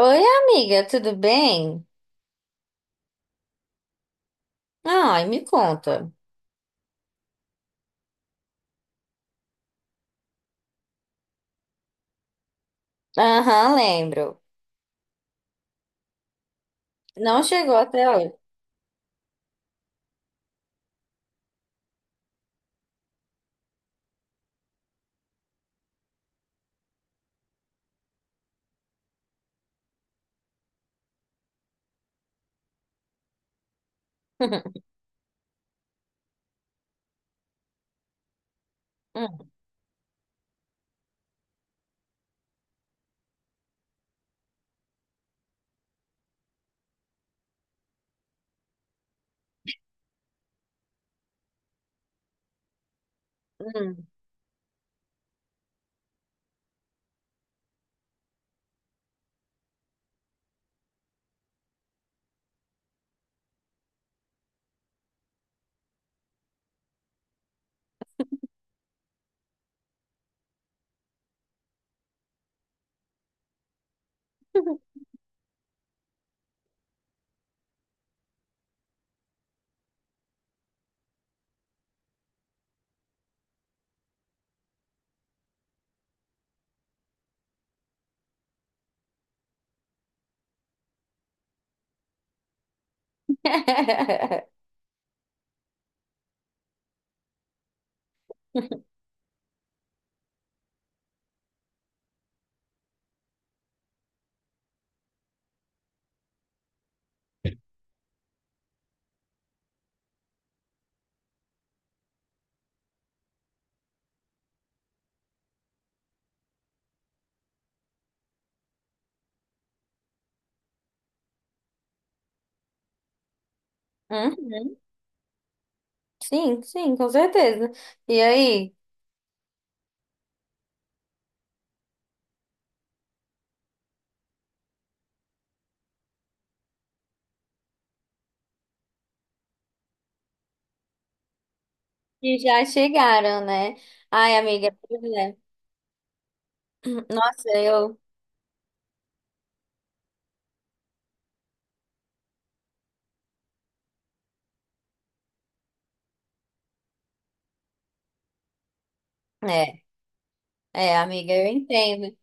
Oi, amiga, tudo bem? Ai, me conta. Aham, lembro. Não chegou até hoje. Hum, hum. Uhum. Sim, sim, com certeza. E aí? E já chegaram, né? Ai, amiga, pois é. Nossa, eu. É, é, amiga, eu entendo.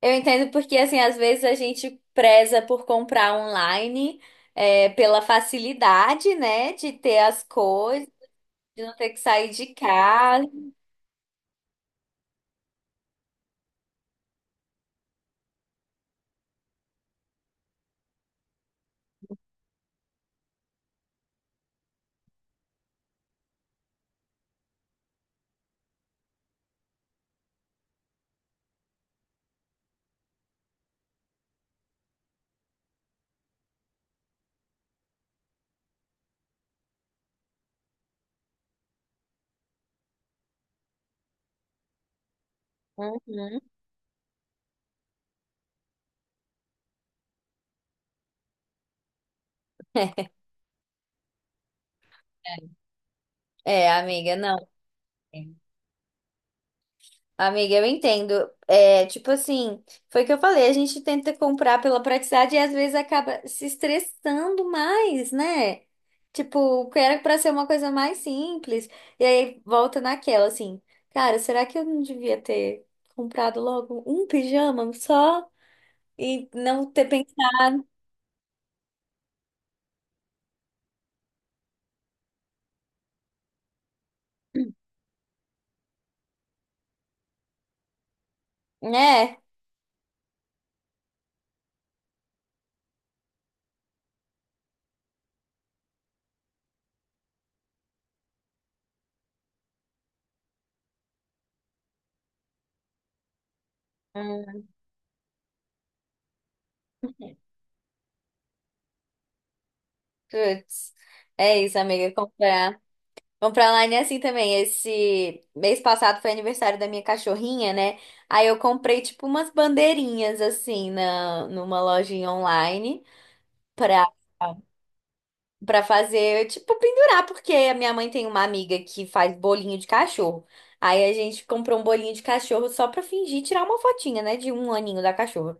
Eu entendo porque, assim, às vezes a gente preza por comprar online, é, pela facilidade, né, de ter as coisas. De não ter que sair de casa. Uhum. É, amiga, não. Amiga, eu entendo. É, tipo assim, foi o que eu falei, a gente tenta comprar pela praticidade e às vezes acaba se estressando mais, né? Tipo, o que era pra ser uma coisa mais simples. E aí volta naquela, assim, cara, será que eu não devia ter comprado logo um pijama só e não ter pensado, né? Hum, putz. É isso, amiga, comprar. Vamos pra online é assim também. Esse mês passado foi aniversário da minha cachorrinha, né? Aí eu comprei tipo umas bandeirinhas assim na numa lojinha online pra para fazer, tipo, pendurar, porque a minha mãe tem uma amiga que faz bolinho de cachorro. Aí a gente comprou um bolinho de cachorro só pra fingir tirar uma fotinha, né, de um aninho da cachorra.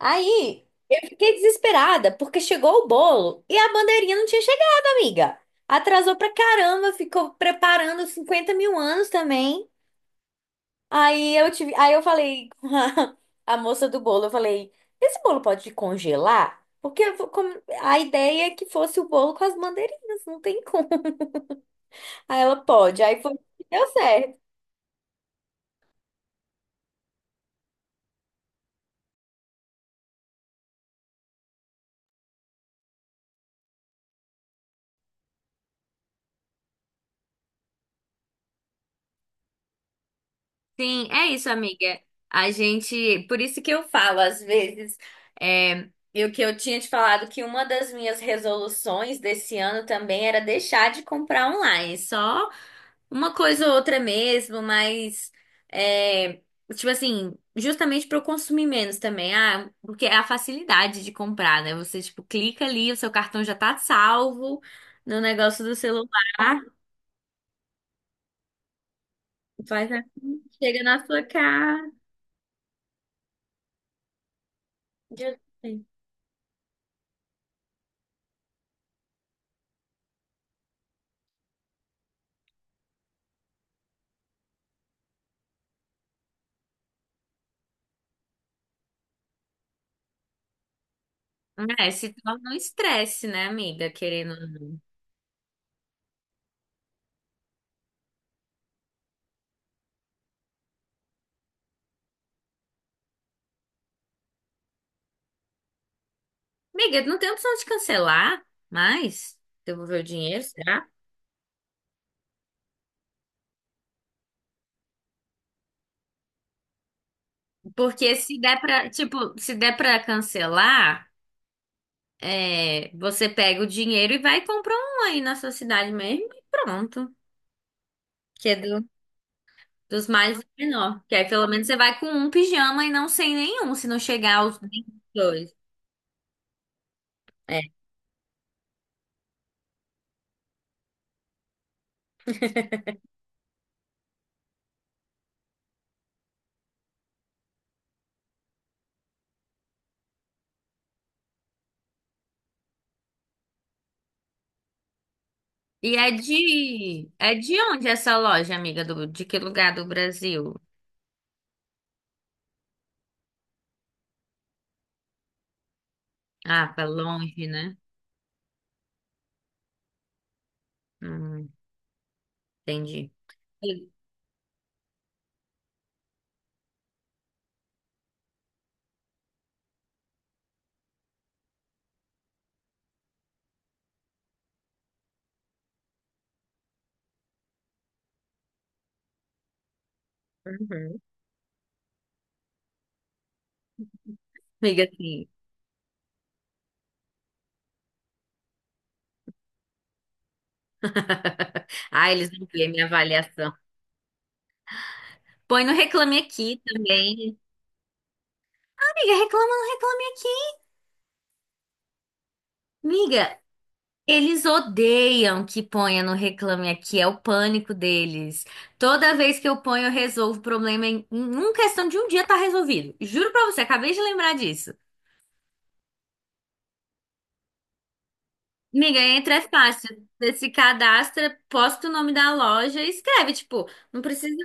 Aí eu fiquei desesperada porque chegou o bolo e a bandeirinha não tinha chegado, amiga. Atrasou pra caramba, ficou preparando 50 mil anos também. Aí eu falei com a, a moça do bolo, eu falei, esse bolo pode congelar? Porque eu vou a ideia é que fosse o bolo com as bandeirinhas, não tem como. Aí ela pode, aí foi, deu certo. Sim, é isso, amiga. A gente, por isso que eu falo às vezes, é, e o que eu tinha te falado que uma das minhas resoluções desse ano também era deixar de comprar online, só uma coisa ou outra mesmo, mas é, tipo assim, justamente para eu consumir menos também, ah, porque é a facilidade de comprar, né? Você tipo clica ali, o seu cartão já tá salvo no negócio do celular, faz assim, chega na sua casa. É, se torna um estresse, né, amiga? Querendo. Amiga, não tem opção de cancelar mais? Devolver o dinheiro, será? Porque se der pra, tipo, se der pra cancelar, é, você pega o dinheiro e vai e compra um aí na sua cidade mesmo e pronto. Que é do, dos mais e menor. Que aí pelo menos você vai com um pijama e não sem nenhum, se não chegar aos dois. É. E é de onde essa loja, amiga? Do, de que lugar do Brasil? Ah, tá longe, né? Hum, entendi. Uhum. Amiga, assim. Ah, eles não veem minha avaliação. Põe no Reclame Aqui também. Amiga, reclama no Reclame Aqui. Amiga, eles odeiam que ponha no Reclame Aqui, é o pânico deles. Toda vez que eu ponho, eu resolvo o problema em uma questão de um dia tá resolvido. Juro pra você, acabei de lembrar disso. Amiga, entra é fácil. Você se cadastra, posta o nome da loja e escreve, tipo, não precisa.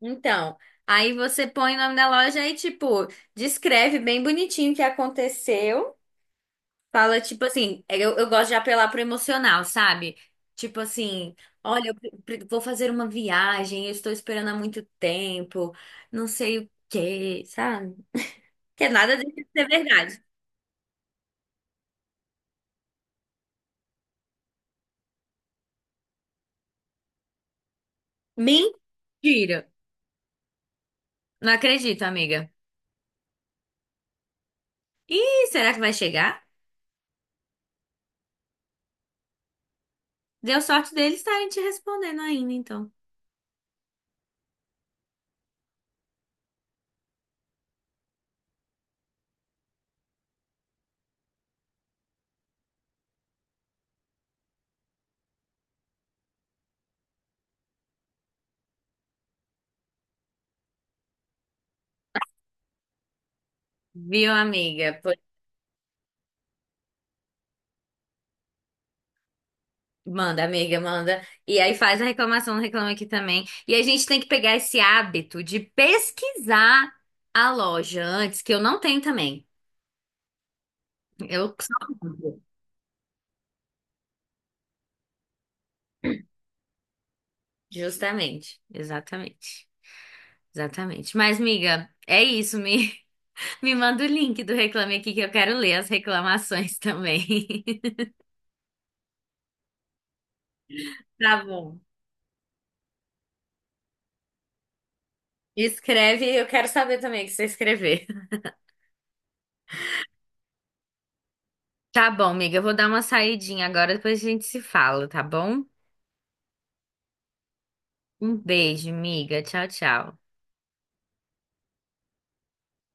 Então, aí você põe o nome da loja e, tipo, descreve bem bonitinho o que aconteceu. Fala, tipo assim, é, eu gosto de apelar pro emocional, sabe? Tipo assim, olha, eu vou fazer uma viagem, eu estou esperando há muito tempo, não sei o quê, sabe? Que é nada deixa de ser verdade. Mentira! Não acredito, amiga. E será que vai chegar? Deu sorte deles estarem te respondendo ainda, então. Viu, amiga? Manda, amiga, manda. E aí faz a reclamação, reclama aqui também. E a gente tem que pegar esse hábito de pesquisar a loja antes, que eu não tenho também. Eu só compro. Justamente, exatamente. Exatamente. Mas, amiga, é isso. Me, me manda o link do Reclame Aqui que eu quero ler as reclamações também. Tá bom. Escreve, eu quero saber também o que você escrever. Tá bom, amiga, eu vou dar uma saidinha agora, depois a gente se fala, tá bom? Um beijo, amiga. Tchau, tchau.